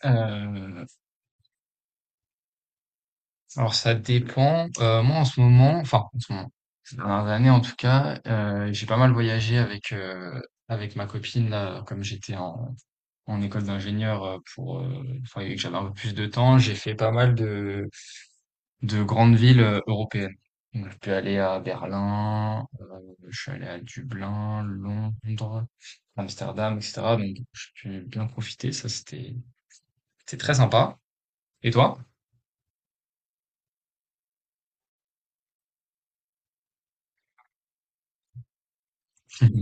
Heu, alors ça dépend, moi en ce moment, enfin en ce moment, ces dernières années en tout cas, j'ai pas mal voyagé avec ma copine là, comme j'étais en école d'ingénieur, pour, enfin et que j'avais un peu plus de temps, j'ai fait pas mal de grandes villes, européennes. Donc je suis aller à Berlin, je suis allé à Dublin, Londres, Amsterdam, et cetera. Donc j'ai pu bien profiter, ça c'était très sympa. Et toi?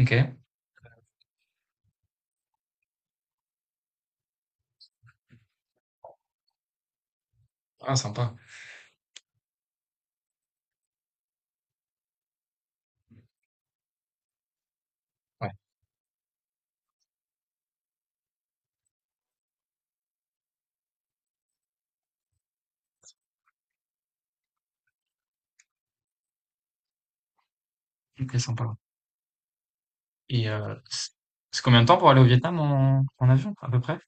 OK. Ah, sympa. Ouais. OK, sympa. Et heu, c c'est combien de temps pour aller au Vietnam en avion, à peu près?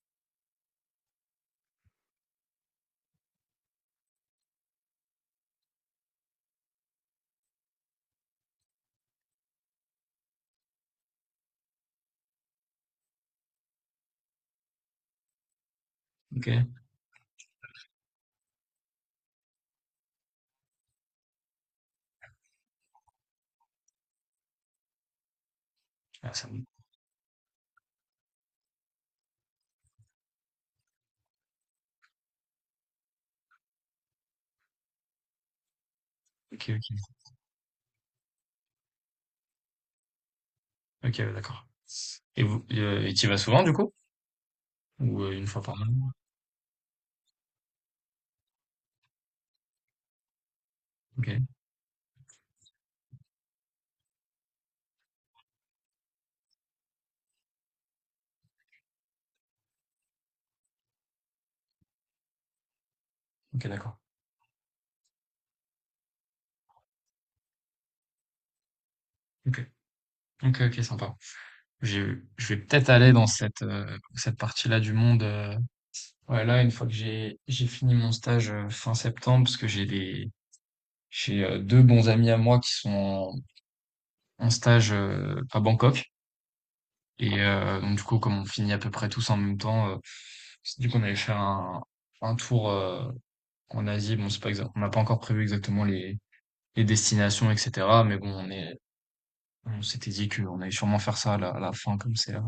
OK. Ah ça m OK, OK. OK, ouais, d'accord. Et vous et tu vas souvent du coup? Ou, 1 fois par mois? OK. OK, d'accord. OK. OK, OK, sympa. Je vais peut-être aller dans cette partie-là du monde, ouais, là, une fois que j'ai fini mon stage, fin septembre, parce que j'ai 2 bons amis à moi qui sont en stage, à Bangkok. Donc du coup, comme on finit à peu près tous en même temps, on dit qu'on allait faire un tour, en Asie. Bon, c'est pas exact, on n'a pas encore prévu exactement les destinations, etc., mais bon, on s'était dit qu'on allait sûrement faire ça à la fin, comme c'est la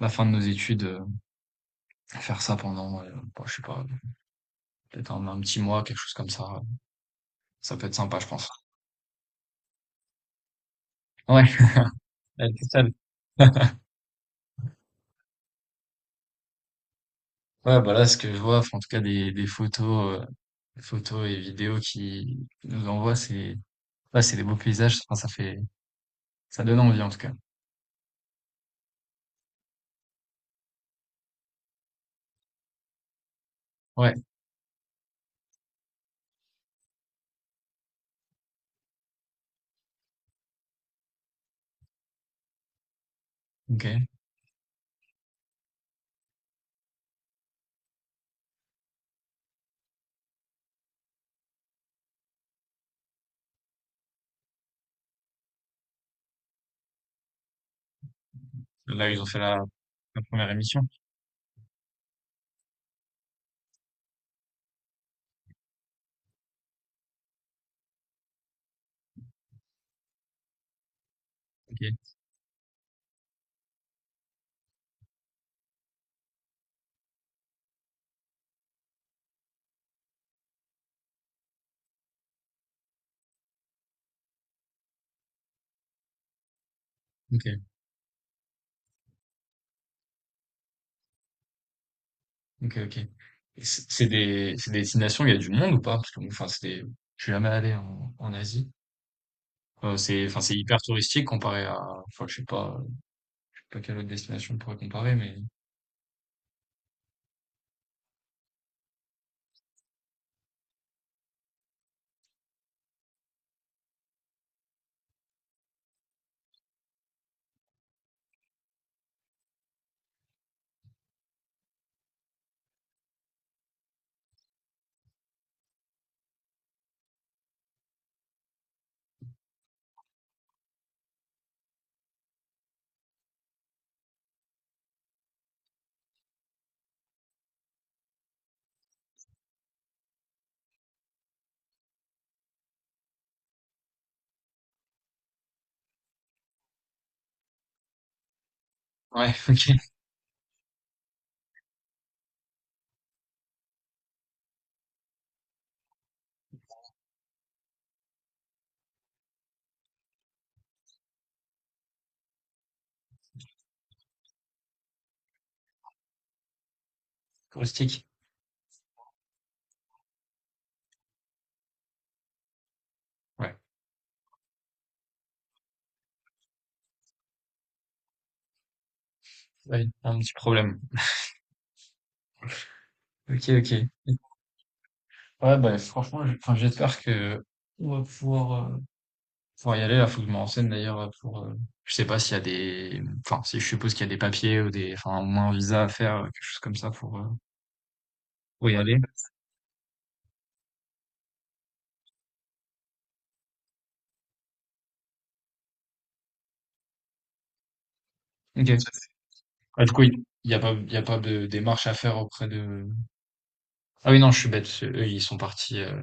la fin de nos études, faire ça pendant, bah, je sais pas, peut-être un petit mois, quelque chose comme ça. Ça peut être sympa, je pense. Ouais, la vie seule. Ouais, bah, là, ce que je vois, enfin, en tout cas des photos, des photos et vidéos qui nous envoient, c'est ouais, c'est des beaux paysages, enfin, ça fait, ça donne envie en tout cas. Ouais, ok. Là, ils ont fait la première émission. Ok, ok, ok, ok. C'est des destinations, il y a du monde ou pas? Parce que, bon, enfin, je suis jamais allé en Asie. C'est hyper touristique comparé à, enfin, je sais pas quelle autre destination on pourrait comparer, mais. Ouais, ok, touristique. Ouais, ouais, un petit problème. Ok, ok. Ouais, bah, franchement, enfin, j'espère que on va pouvoir faut y aller, là, faut que je me renseigne d'ailleurs pour. Je sais pas s'il y a des. Enfin, si je suppose qu'il y a des papiers ou des. Enfin, au moins un visa à faire, quelque chose comme ça pour y aller. Ok. Ah, du coup, il y a pas de démarche à faire auprès de. Ah oui, non, je suis bête. Eux, ils sont partis.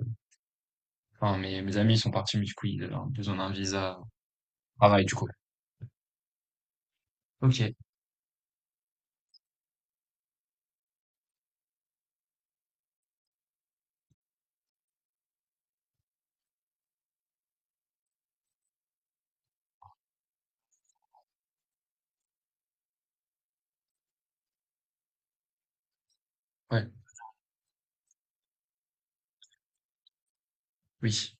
Enfin, mes amis, ils sont partis, mais du coup, ils avaient besoin d'un visa travail, du coup. Ok. Ouais. Oui.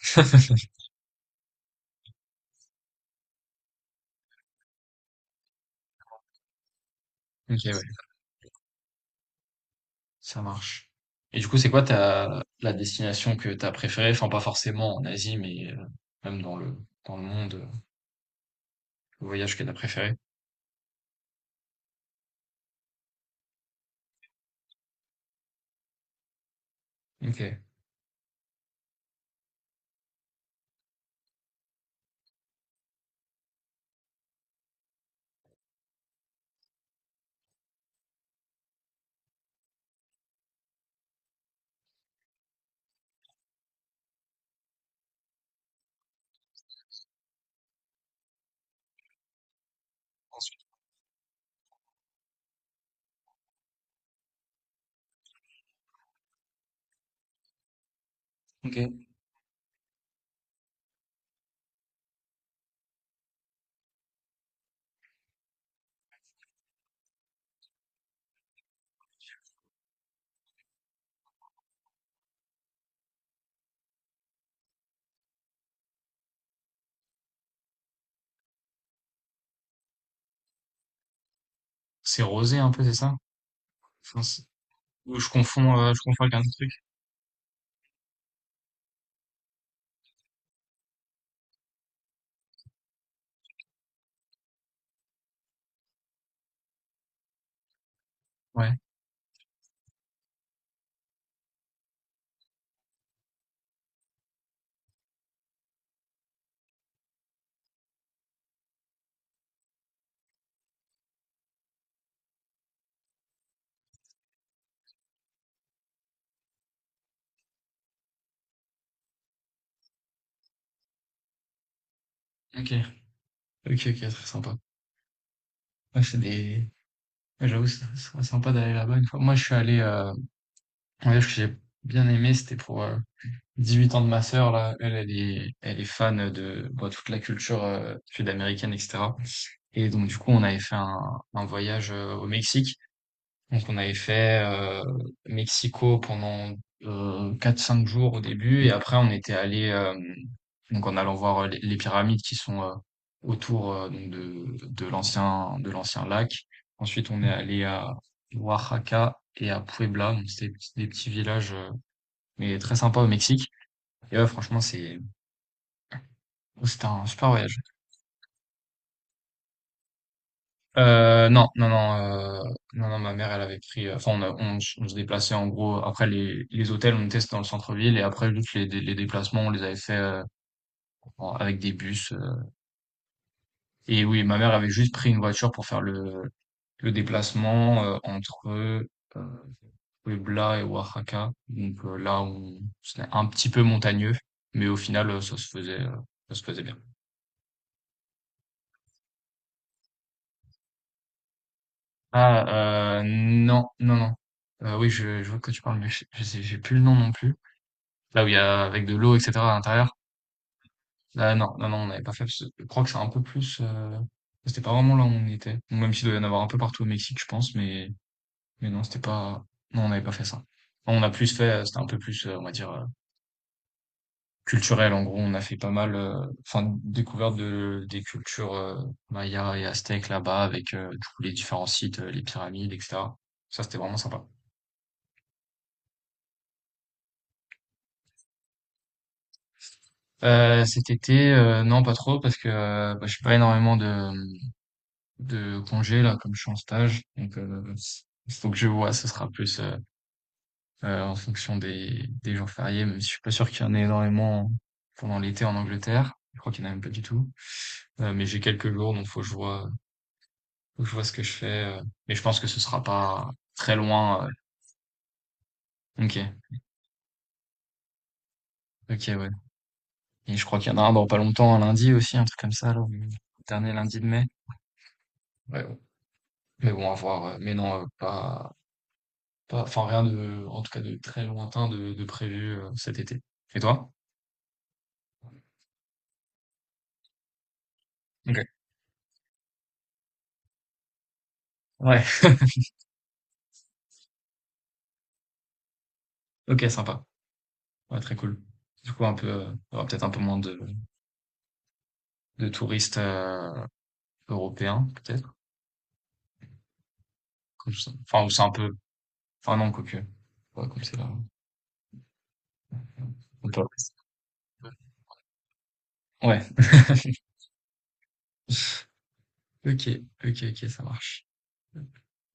Ok, ouais. Ça marche. Et du coup, c'est quoi la destination que t'as préférée? Enfin, pas forcément en Asie, mais même dans le monde. Le voyage que t'as préféré? OK. OK. C'est rosé un peu, c'est ça? Enfin, ou je confonds avec un autre truc? Ouais. OK. OK, OK, très sympa. Ouais, ouais, j'avoue, c'est sympa d'aller là-bas une fois. Moi, je suis allé... Un voyage que j'ai bien aimé, c'était pour... 18 ans de ma sœur, là, elle est fan de bon, toute la culture sud-américaine, etc. Et donc, du coup, on avait fait un voyage au Mexique. Donc on avait fait Mexico pendant 4-5 jours au début, et après on était allé donc en allant voir les pyramides qui sont autour, donc de l'ancien lac. Ensuite on est allé à Oaxaca et à Puebla, donc c'était des petits villages, mais très sympas au Mexique. Et ouais, franchement c'était un super voyage. Non, non, non, euh, non, non, ma mère, elle avait pris, enfin, on, a- on, s- on se déplaçait en gros, après les hôtels, on était dans le centre-ville, et après, juste les déplacements, on les avait fait avec des bus. Et oui, ma mère avait juste pris une voiture pour faire le déplacement entre Puebla et Oaxaca. Donc là, c'était un petit peu montagneux, mais au final, ça se faisait bien. Ah, non, non, non. Oui, je vois que tu parles, mais j'ai plus le nom non plus. Là où il y a avec de l'eau, etc., à l'intérieur. Là, non, non, non, on n'avait pas fait parce que je crois que c'est un peu plus, c'était pas vraiment là où on était. Bon, même s'il doit y en avoir un peu partout au Mexique je pense, mais non, c'était pas non on n'avait pas fait ça. Enfin, on a plus fait, c'était un peu plus, on va dire, culturel en gros. On a fait pas mal, enfin découverte de des cultures, mayas et aztèques là-bas avec, du coup les différents sites, les pyramides, et cetera. Ça c'était vraiment sympa. Cet été, non pas trop parce que, bah, je fais pas énormément mmh de congé là, comme je suis en stage donc il faut que je vois, ce sera plus en fonction des jours fériés, même si je suis pas sûr qu'il y en ait énormément pendant l'été en Angleterre, je crois qu'il y en a même pas du tout. Mais j'ai quelques jours donc faut que je vois ce que je fais. Mais je pense que ce sera pas très loin. Ok, ok, ouais, et je crois qu'il y en a un dans pas longtemps, un lundi aussi, un truc comme ça là, le dernier lundi de mai. Ouais, bon. Mais bon, à voir. Mais non, pas, enfin rien de en tout cas de très lointain de prévu, cet été. Et toi? OK. Ouais, OK, sympa. Ouais, très cool. Du coup un peu, il y aura peut-être un peu moins de touristes, européens peut-être? Comme ça, enfin, ou c'est un peu, enfin non quoique, ouais, comme c'est là, on peut. Ouais. OK, OK, OK, ça marche.